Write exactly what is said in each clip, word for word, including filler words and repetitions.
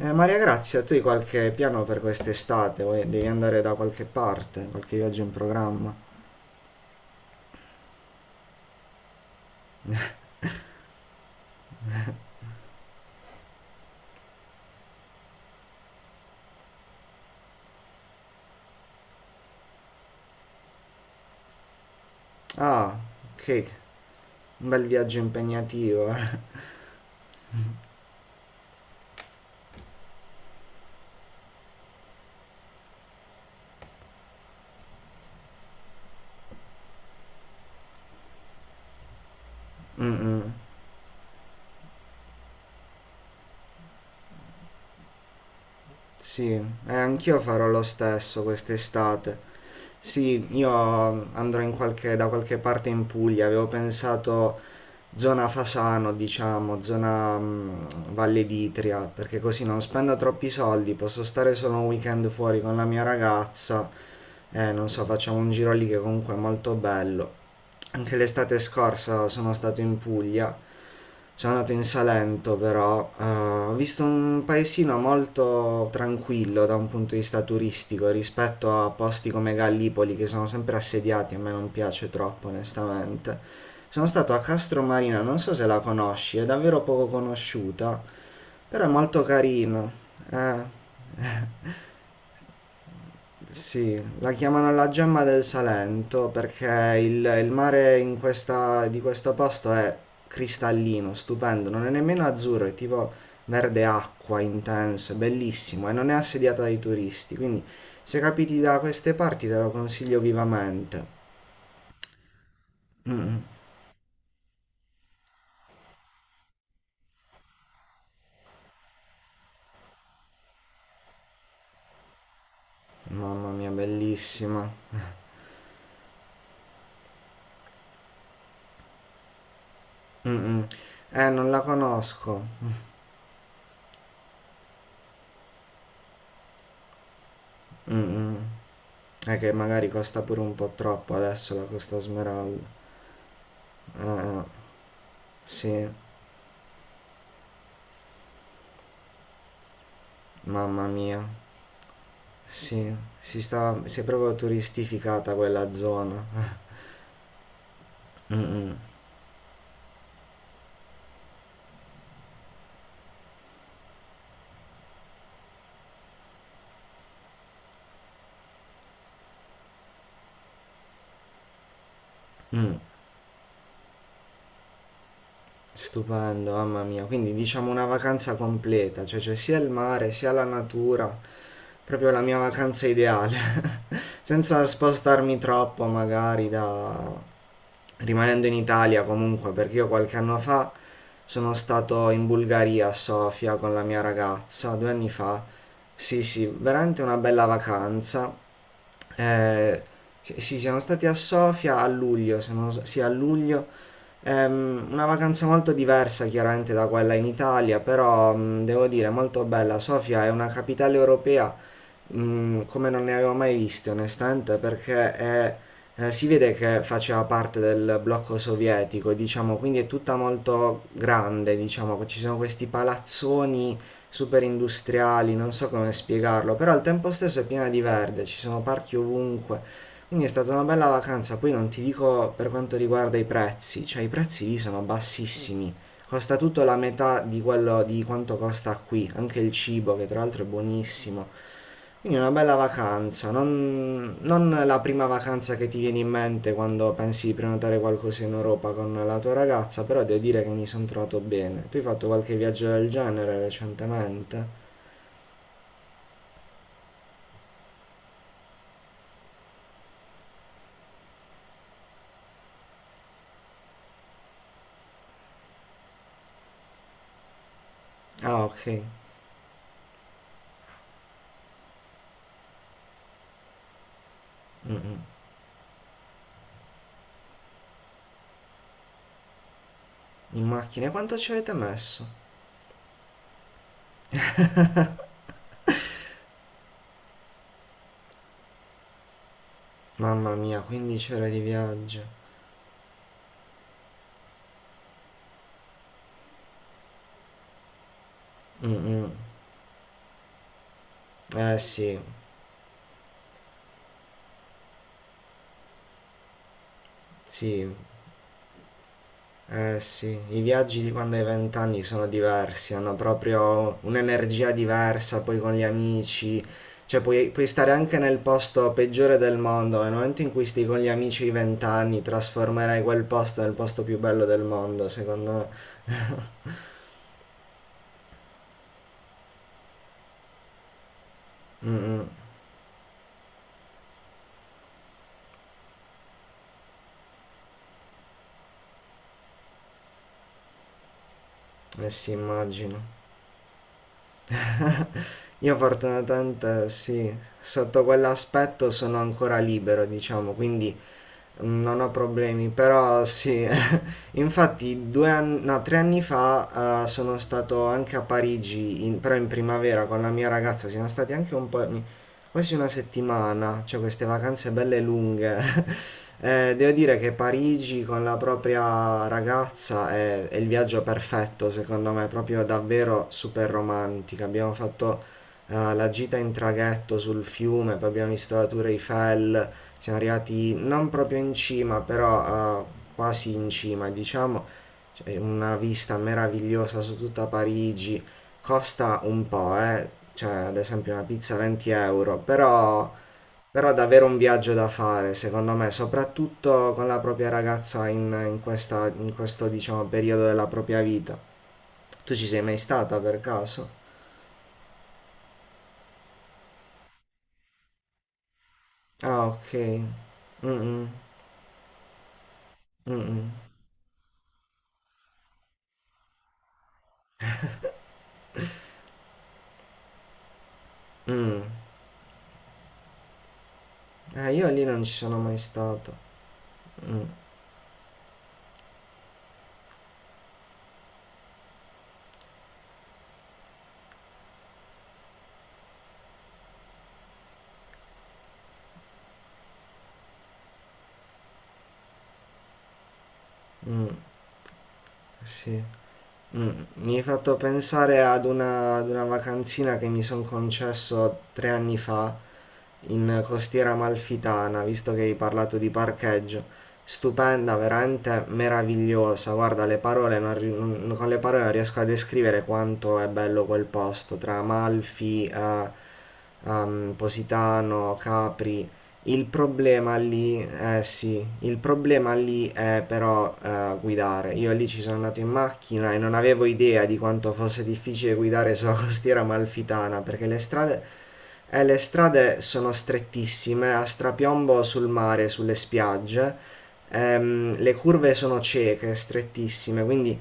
Eh, Maria Grazia, tu hai qualche piano per quest'estate? Vuoi- devi andare da qualche parte? Qualche viaggio in programma? Ah, ok, un bel viaggio impegnativo, eh. Mm, mm. Sì, eh, anch'io farò lo stesso quest'estate. Sì, io andrò in qualche- da qualche parte in Puglia, avevo pensato zona Fasano, diciamo, zona mm, Valle d'Itria, perché così non spendo troppi soldi, posso stare solo un weekend fuori con la mia ragazza. Eh, non so, facciamo un giro lì che comunque è molto bello. Anche l'estate scorsa sono stato in Puglia, sono andato in Salento però, eh, ho visto un paesino molto tranquillo da un punto di vista turistico rispetto a posti come Gallipoli che sono sempre assediati, a me non piace troppo onestamente. Sono stato a Castromarina, non so se la conosci, è davvero poco conosciuta, però è molto carino. Eh. Sì, la chiamano la gemma del Salento perché il, il mare in questa- di questo posto è cristallino, stupendo, non è nemmeno azzurro, è tipo verde acqua intenso, è bellissimo e non è assediata dai turisti, quindi se capiti da queste parti te lo consiglio vivamente. Mm, mm. Mamma mia, bellissima. Mm, mm. Eh, non la conosco. Mm, mm. È che magari costa pure un po' troppo adesso la Costa Smeralda. Eh, eh, sì. Mamma mia, sì, si sta, si è proprio turistificata quella zona. Mm, mm, mm. Stupendo, mamma mia. Quindi diciamo una vacanza completa, cioè c'è sia il mare sia la natura, proprio la mia vacanza ideale. Senza spostarmi troppo magari da... rimanendo in Italia comunque, perché io qualche anno fa sono stato in Bulgaria a Sofia con la mia ragazza, due anni fa. Sì, sì, veramente una bella vacanza. Eh, sì, sì, siamo stati a Sofia a luglio, se non, s- sì, a luglio. Ehm, una vacanza molto diversa chiaramente da quella in Italia, però mm, devo dire molto bella. Sofia è una capitale europea mm, come non ne avevo mai viste onestamente perché è- eh, si vede che faceva parte del blocco sovietico, diciamo, quindi è tutta molto grande, diciamo, ci sono questi palazzoni super industriali, non so come spiegarlo, però al tempo stesso è piena di verde, ci sono parchi ovunque. Quindi è stata una bella vacanza, poi non ti dico per quanto riguarda i prezzi, cioè i prezzi lì sono bassissimi, costa tutto la metà di quello di quanto costa qui, anche il cibo che tra l'altro è buonissimo. Quindi una bella vacanza, non, non la prima vacanza che ti viene in mente quando pensi di prenotare qualcosa in Europa con la tua ragazza, però devo dire che mi sono trovato bene. Tu hai fatto qualche viaggio del genere recentemente? Ah, ok. Mm, mm. In macchina, quanto ci avete messo? Mamma mia, quindici ore di viaggio. Mm, mm. Eh sì, sì. Eh sì, i viaggi di quando hai vent'anni sono diversi, hanno proprio un'energia diversa, poi con gli amici, cioè puoi, puoi stare anche nel posto peggiore del mondo, ma nel momento in cui stai con gli amici di vent'anni trasformerai quel posto nel posto più bello del mondo, secondo me. Mm, mm, eh sì, immagino. Io fortunatamente sì, sotto quell'aspetto sono ancora libero, diciamo, quindi... Mm, Non ho problemi, però sì. Infatti due anni, no, tre anni fa eh, sono stato anche a Parigi, in- però in primavera con la mia ragazza, siamo stati anche un po', mi- quasi una settimana, cioè queste vacanze belle lunghe. Eh, devo dire che Parigi con la propria ragazza è, è il viaggio perfetto, secondo me, proprio davvero super romantica. Abbiamo fatto eh, la gita in traghetto sul fiume, poi abbiamo visto la Tour Eiffel. Siamo arrivati non proprio in cima, però eh, quasi in cima, diciamo. C'è una vista meravigliosa su tutta Parigi. Costa un po', eh. Cioè, ad esempio una pizza venti euro, però, però davvero un viaggio da fare, secondo me, soprattutto con la propria ragazza in, in questa- in questo, diciamo, periodo della propria vita. Tu ci sei mai stata per caso? Ah, ok. Mm-mm. Mm-mm. Mm. Mm. Mm. Eh, io lì non ci sono mai stato. Mm, sì. Mm, Mi hai fatto pensare ad una, ad una vacanzina che mi sono concesso tre anni fa in Costiera Amalfitana, visto che hai parlato di parcheggio. Stupenda, veramente meravigliosa. Guarda, le parole non ri- non- con le parole non riesco a descrivere quanto è bello quel posto, tra Amalfi, eh, ehm, Positano, Capri. Il problema lì, eh sì, il problema lì è però eh, guidare. Io lì ci sono andato in macchina e non avevo idea di quanto fosse difficile guidare sulla costiera amalfitana perché le strade, eh, le strade sono strettissime, a strapiombo sul mare, sulle spiagge, ehm, le curve sono cieche, strettissime, quindi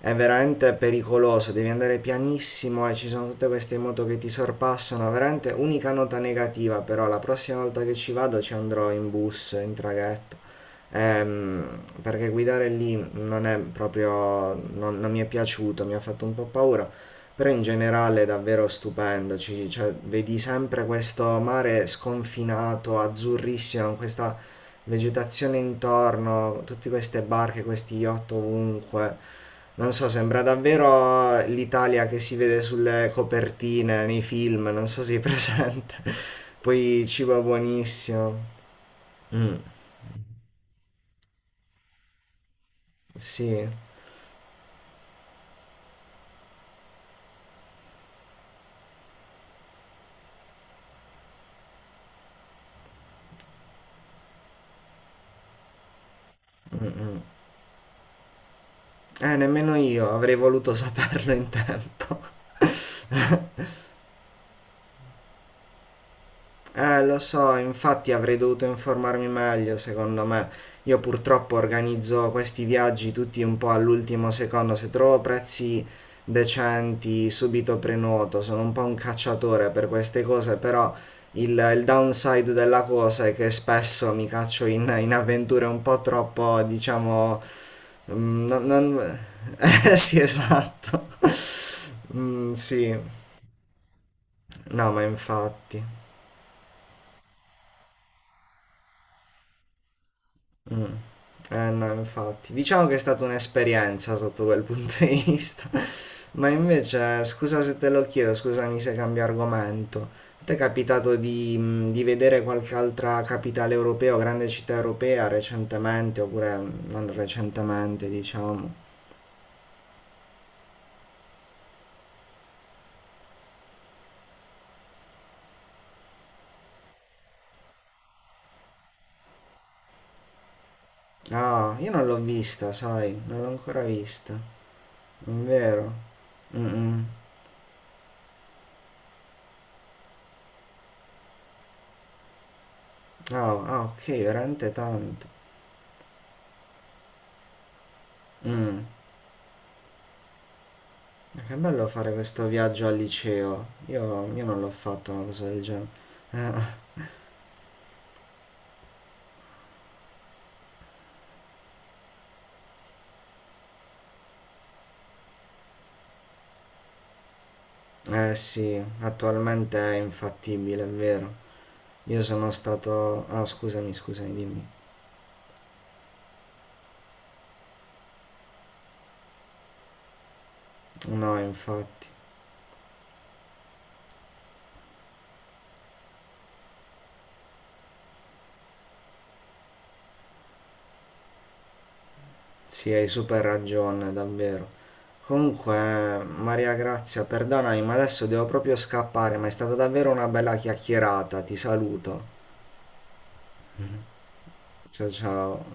è veramente pericoloso, devi andare pianissimo e ci sono tutte queste moto che ti sorpassano, veramente unica nota negativa, però la prossima volta che ci vado ci andrò in bus, in traghetto. Ehm, perché guidare lì non è proprio, non, non mi è piaciuto, mi ha fatto un po' paura, però in generale è davvero stupendo, ci- cioè, vedi sempre questo mare sconfinato, azzurrissimo, con questa vegetazione intorno, tutte queste barche, questi yacht ovunque. Non so, sembra davvero l'Italia che si vede sulle copertine, nei film, non so se è presente. Poi cibo buonissimo. Mm, sì. Eh, nemmeno io avrei voluto saperlo in tempo. Eh, lo so, infatti avrei dovuto informarmi meglio, secondo me. Io purtroppo organizzo questi viaggi tutti un po' all'ultimo secondo, se trovo prezzi decenti subito prenoto, sono un po' un cacciatore per queste cose, però il, il downside della cosa è che spesso mi caccio in, in avventure un po' troppo, diciamo... mm, Non, non... Eh sì, esatto. Mm, sì, no, ma infatti. Mm. Eh no, infatti. Diciamo che è stata un'esperienza sotto quel punto di vista. Ma invece, scusa se te lo chiedo, scusami se cambio argomento. Ti è capitato di, mh, di vedere qualche altra capitale europea o grande città europea recentemente, oppure mh, non recentemente, diciamo? Ah, io non l'ho vista, sai, non l'ho ancora vista. Vero? Mm, mm. Ah, ah, ok, veramente tanto. Mm. Eh, Che bello fare questo viaggio al liceo. Io, io non l'ho fatto una cosa del genere. Eh, eh sì, attualmente è infattibile, è vero. Io sono stato... Ah, scusami, scusami, dimmi. No, infatti. Sì, hai super ragione, davvero. Comunque, eh, Maria Grazia, perdonami, ma adesso devo proprio scappare, ma è stata davvero una bella chiacchierata. Ti saluto. Ciao ciao.